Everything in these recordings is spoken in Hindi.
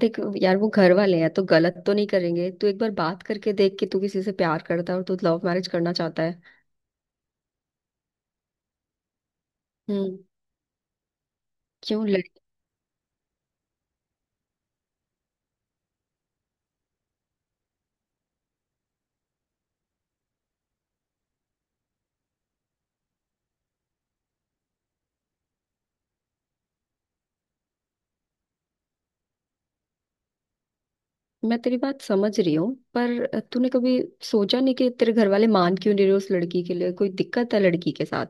देख यार, वो घर वाले हैं तो गलत तो नहीं करेंगे। तू एक बार बात करके देख कि तू किसी से प्यार करता है और तू लव मैरिज करना चाहता है। हम्म। क्यों लड़। मैं तेरी बात समझ रही हूँ। पर तूने कभी सोचा नहीं कि तेरे घर वाले मान क्यों नहीं रहे? उस लड़की के लिए कोई दिक्कत है? लड़की के साथ?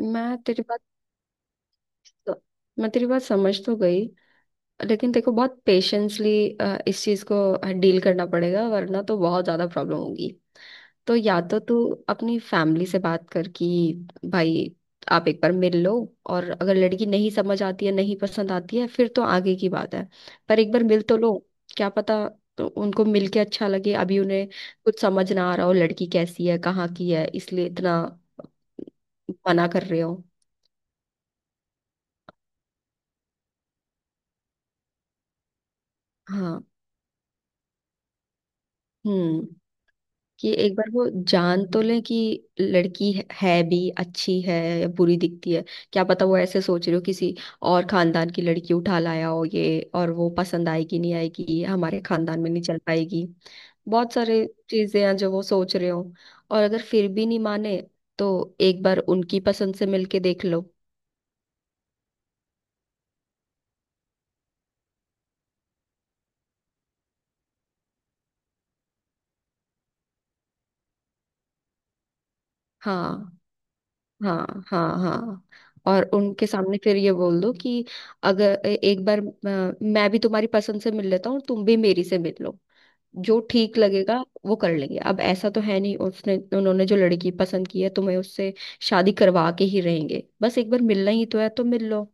मैं तेरी बात मैं तेरी बात समझ तो गई, लेकिन देखो, बहुत पेशेंसली इस चीज को डील करना पड़ेगा वरना तो बहुत ज्यादा प्रॉब्लम होगी। तो या तो तू अपनी फैमिली से बात कर कि भाई, आप एक बार मिल लो। और अगर लड़की नहीं समझ आती है, नहीं पसंद आती है, फिर तो आगे की बात है। पर एक बार मिल तो लो। क्या पता तो उनको मिल के अच्छा लगे। अभी उन्हें कुछ समझ ना आ रहा हो लड़की कैसी है, कहाँ की है, इसलिए इतना मना कर रहे हो। हाँ। हम्म। कि एक बार वो जान तो लें कि लड़की है भी अच्छी है या बुरी दिखती है। क्या पता वो ऐसे सोच रहे हो किसी और खानदान की लड़की उठा लाया हो ये, और वो पसंद आएगी नहीं आएगी, हमारे खानदान में नहीं चल पाएगी। बहुत सारे चीजें हैं जो वो सोच रहे हो। और अगर फिर भी नहीं माने तो एक बार उनकी पसंद से मिलके देख लो। हाँ, हाँ, हाँ, हाँ। और उनके सामने फिर ये बोल दो कि अगर एक बार मैं भी तुम्हारी पसंद से मिल लेता हूँ, तुम भी मेरी से मिल लो। जो ठीक लगेगा वो कर लेंगे। अब ऐसा तो है नहीं उसने उन्होंने जो लड़की पसंद की है तुम्हें उससे शादी करवा के ही रहेंगे। बस एक बार मिलना ही तो है तो मिल लो।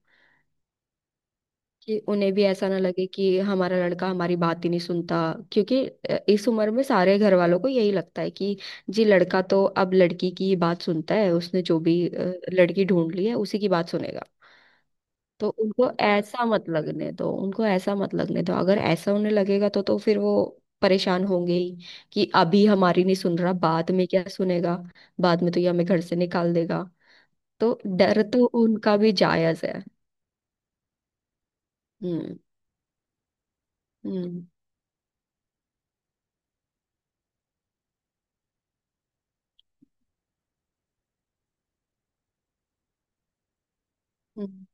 कि उन्हें भी ऐसा ना लगे कि हमारा लड़का हमारी बात ही नहीं सुनता। क्योंकि इस उम्र में सारे घर वालों को यही लगता है कि जी लड़का तो अब लड़की की ही बात सुनता है, उसने जो भी लड़की ढूंढ ली है उसी की बात सुनेगा। तो उनको ऐसा मत लगने दो। उनको ऐसा मत लगने दो। अगर ऐसा उन्हें लगेगा तो फिर वो परेशान होंगे ही कि अभी हमारी नहीं सुन रहा बाद में क्या सुनेगा। बाद में तो ये हमें घर से निकाल देगा। तो डर तो उनका भी जायज है। हम्म। हम्म। हम्म।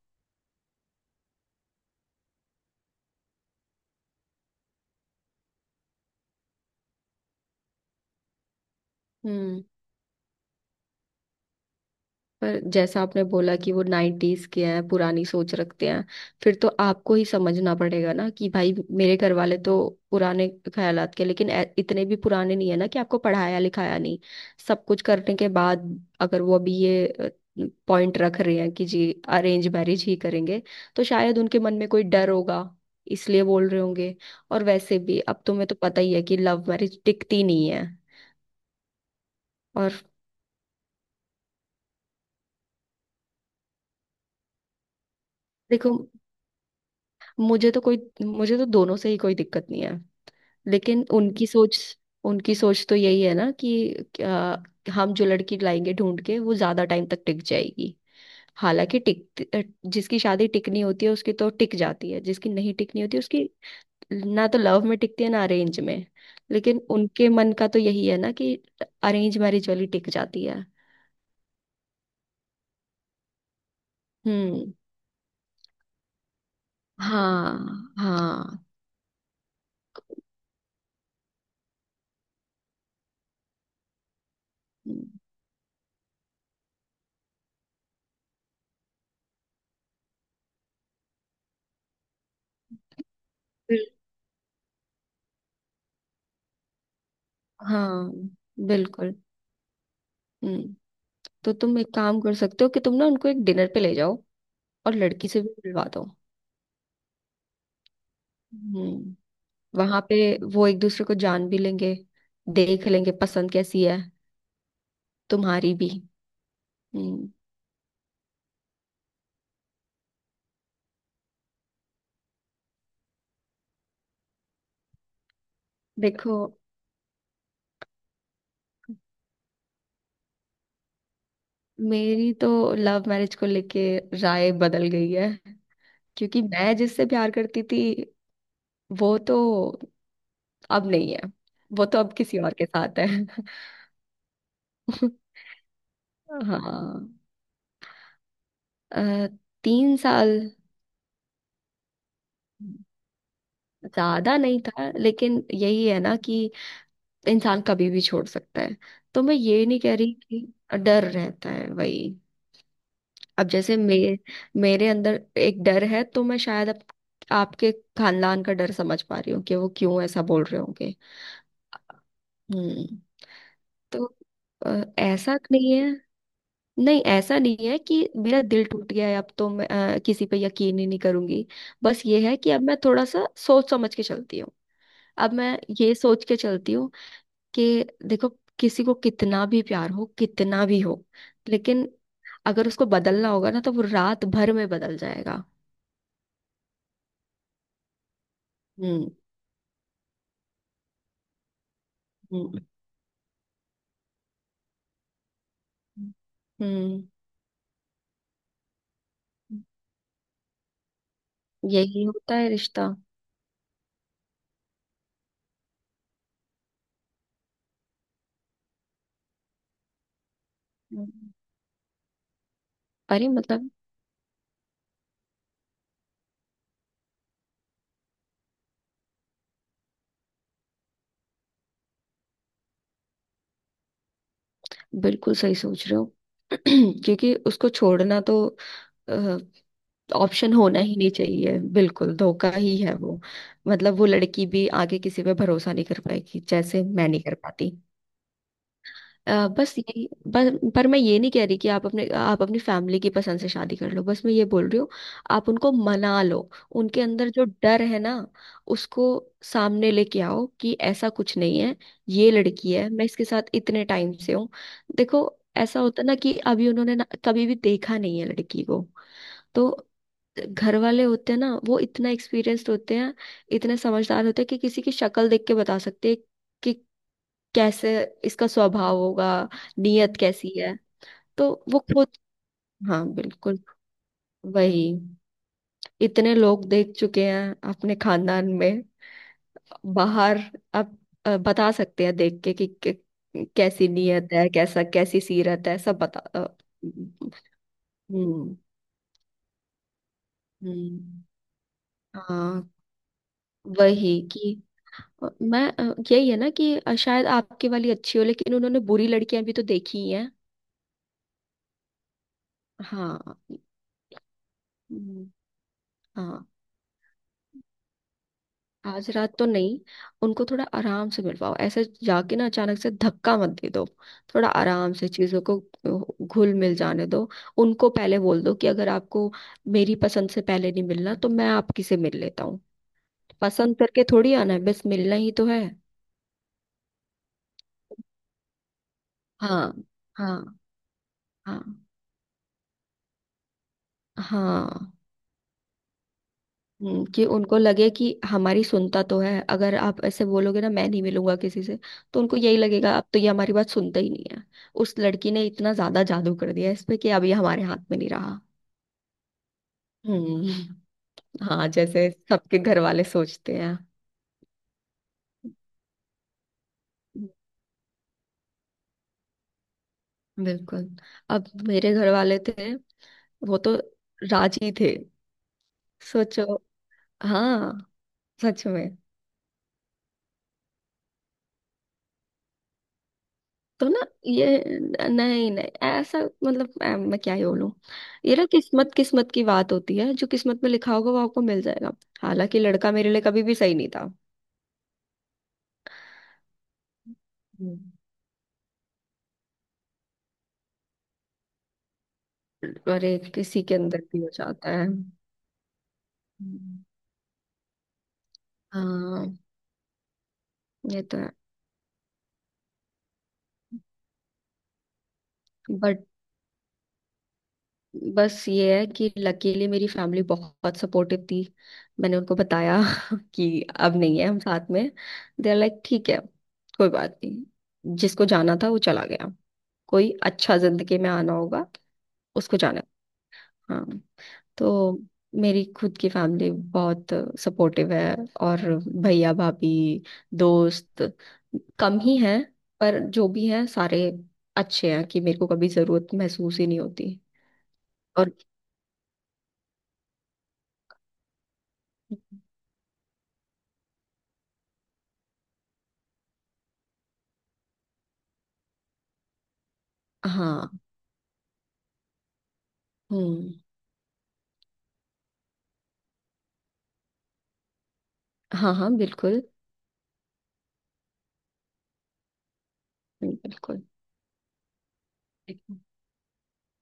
हम्म। पर जैसा आपने बोला कि वो नाइन्टीज के हैं, पुरानी सोच रखते हैं, फिर तो आपको ही समझना पड़ेगा ना कि भाई मेरे घर वाले तो पुराने ख्यालात के, लेकिन इतने भी पुराने नहीं है ना कि आपको पढ़ाया लिखाया नहीं। सब कुछ करने के बाद अगर वो अभी ये पॉइंट रख रहे हैं कि जी अरेंज मैरिज ही करेंगे, तो शायद उनके मन में कोई डर होगा इसलिए बोल रहे होंगे। और वैसे भी अब तुम्हें तो पता ही है कि लव मैरिज टिकती नहीं है। और देखो, मुझे तो कोई मुझे तो दोनों से ही कोई दिक्कत नहीं है। लेकिन उनकी सोच तो यही है ना कि हम जो लड़की लाएंगे ढूंढ के वो ज्यादा टाइम तक टिक जाएगी। हालांकि जिसकी शादी टिकनी होती है उसकी तो टिक जाती है, जिसकी नहीं टिकनी होती उसकी ना तो लव में टिकती है ना अरेंज में। लेकिन उनके मन का तो यही है ना कि अरेंज मैरिज वाली टिक जाती है। हम्म। हाँ, हाँ, बिल- हाँ, बिल्कुल। हम्म। तो तुम एक काम कर सकते हो कि तुम ना उनको एक डिनर पे ले जाओ और लड़की से भी मिलवा दो। हम्म। वहां पे वो एक दूसरे को जान भी लेंगे, देख लेंगे पसंद कैसी है तुम्हारी भी। हम्म। देखो, मेरी तो लव मैरिज को लेके राय बदल गई है। क्योंकि मैं जिससे प्यार करती थी वो तो अब नहीं है। वो तो अब किसी और के साथ है। हाँ। अ, 3 साल। ज्यादा नहीं था, लेकिन यही है ना कि इंसान कभी भी छोड़ सकता है। तो मैं ये नहीं कह रही, कि डर रहता है वही। अब जैसे मे मेरे अंदर एक डर है तो मैं शायद अब आपके खानदान का डर समझ पा रही हूँ कि वो क्यों ऐसा बोल रहे होंगे। हम्म। तो ऐसा नहीं है। नहीं, ऐसा नहीं है कि मेरा दिल टूट गया है अब तो मैं किसी पे यकीन ही नहीं करूंगी। बस ये है कि अब मैं थोड़ा सा सोच समझ के चलती हूँ। अब मैं ये सोच के चलती हूँ कि देखो, किसी को कितना भी प्यार हो, कितना भी हो, लेकिन अगर उसको बदलना होगा ना तो वो रात भर में बदल जाएगा। हम्म। हम्म। हम्म। यही होता है रिश्ता। हम्म। अरे, मतलब बिल्कुल सही सोच रहे हो। क्योंकि उसको छोड़ना तो ऑप्शन होना ही नहीं चाहिए। बिल्कुल धोखा ही है वो। मतलब वो लड़की भी आगे किसी पे भरोसा नहीं कर पाएगी जैसे मैं नहीं कर पाती। बस यही। बस। पर मैं ये नहीं कह रही कि आप अपने आप अपनी फैमिली की पसंद से शादी कर लो, बस मैं ये बोल रही हूँ आप उनको मना लो। उनके अंदर जो डर है ना उसको सामने लेके आओ कि ऐसा कुछ नहीं है। ये लड़की है, मैं इसके साथ इतने टाइम से हूँ। देखो, ऐसा होता ना कि अभी उन्होंने ना कभी भी देखा नहीं है लड़की को। तो घर वाले होते हैं ना, वो इतना एक्सपीरियंस्ड होते हैं, इतने समझदार होते हैं कि किसी की शक्ल देख के बता सकते हैं कि कैसे इसका स्वभाव होगा, नीयत कैसी है। तो वो खुद। हाँ, बिल्कुल। वही इतने लोग देख चुके हैं अपने खानदान में, बाहर। अब बता सकते हैं देख के कि कैसी नीयत है, कैसा कैसी सीरत है, सब बता। हम्म। हम्म। हाँ। वही कि अ, मैं अ, यही है ना कि शायद आपकी वाली अच्छी हो लेकिन उन्होंने बुरी लड़कियां भी तो देखी ही हैं। हाँ। हम्म, हाँ। आज रात तो नहीं। उनको थोड़ा आराम से मिलवाओ। ऐसे जाके ना अचानक से धक्का मत दे दो। थोड़ा आराम से चीजों को घुल मिल जाने दो। उनको पहले बोल दो कि अगर आपको मेरी पसंद से पहले नहीं मिलना तो मैं आपकी से मिल लेता हूँ। पसंद करके थोड़ी आना है, बस मिलना ही तो है। हाँ, हाँ, हाँ, हाँ। कि उनको लगे कि हमारी सुनता तो है। अगर आप ऐसे बोलोगे ना मैं नहीं मिलूंगा किसी से, तो उनको यही लगेगा अब तो ये हमारी बात सुनता ही नहीं है। उस लड़की ने इतना ज्यादा जादू कर दिया इस पे कि अब ये हमारे हाथ में नहीं रहा। हम्म। हाँ, जैसे सबके घर वाले सोचते हैं। बिल्कुल। अब मेरे घर वाले थे वो तो राजी थे। सोचो। हाँ। सच में। तो ना। ये नहीं, नहीं, ऐसा मतलब मैं क्या ही बोलूं। ये ना किस्मत किस्मत की बात होती है। जो किस्मत में लिखा होगा वो आपको मिल जाएगा। हालांकि लड़का मेरे लिए कभी भी सही नहीं था। हम्म, अरे, किसी के अंदर भी हो जाता है। हम्म। हाँ। ये तो है। बट, बस ये है कि लकीली मेरी फैमिली बहुत सपोर्टिव थी। मैंने उनको बताया कि अब नहीं है हम साथ में। दे आर लाइक ठीक है। कोई बात नहीं, जिसको जाना था वो चला गया, कोई अच्छा जिंदगी में आना होगा उसको जाना। हाँ। तो मेरी खुद की फैमिली बहुत सपोर्टिव है। और भैया भाभी, दोस्त कम ही हैं, पर जो भी हैं सारे अच्छे हैं कि मेरे को कभी जरूरत महसूस ही नहीं होती। और हाँ। हम्म। हाँ, हाँ, बिल्कुल, बिल्कुल।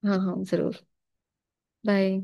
हाँ, हाँ, जरूर। बाय।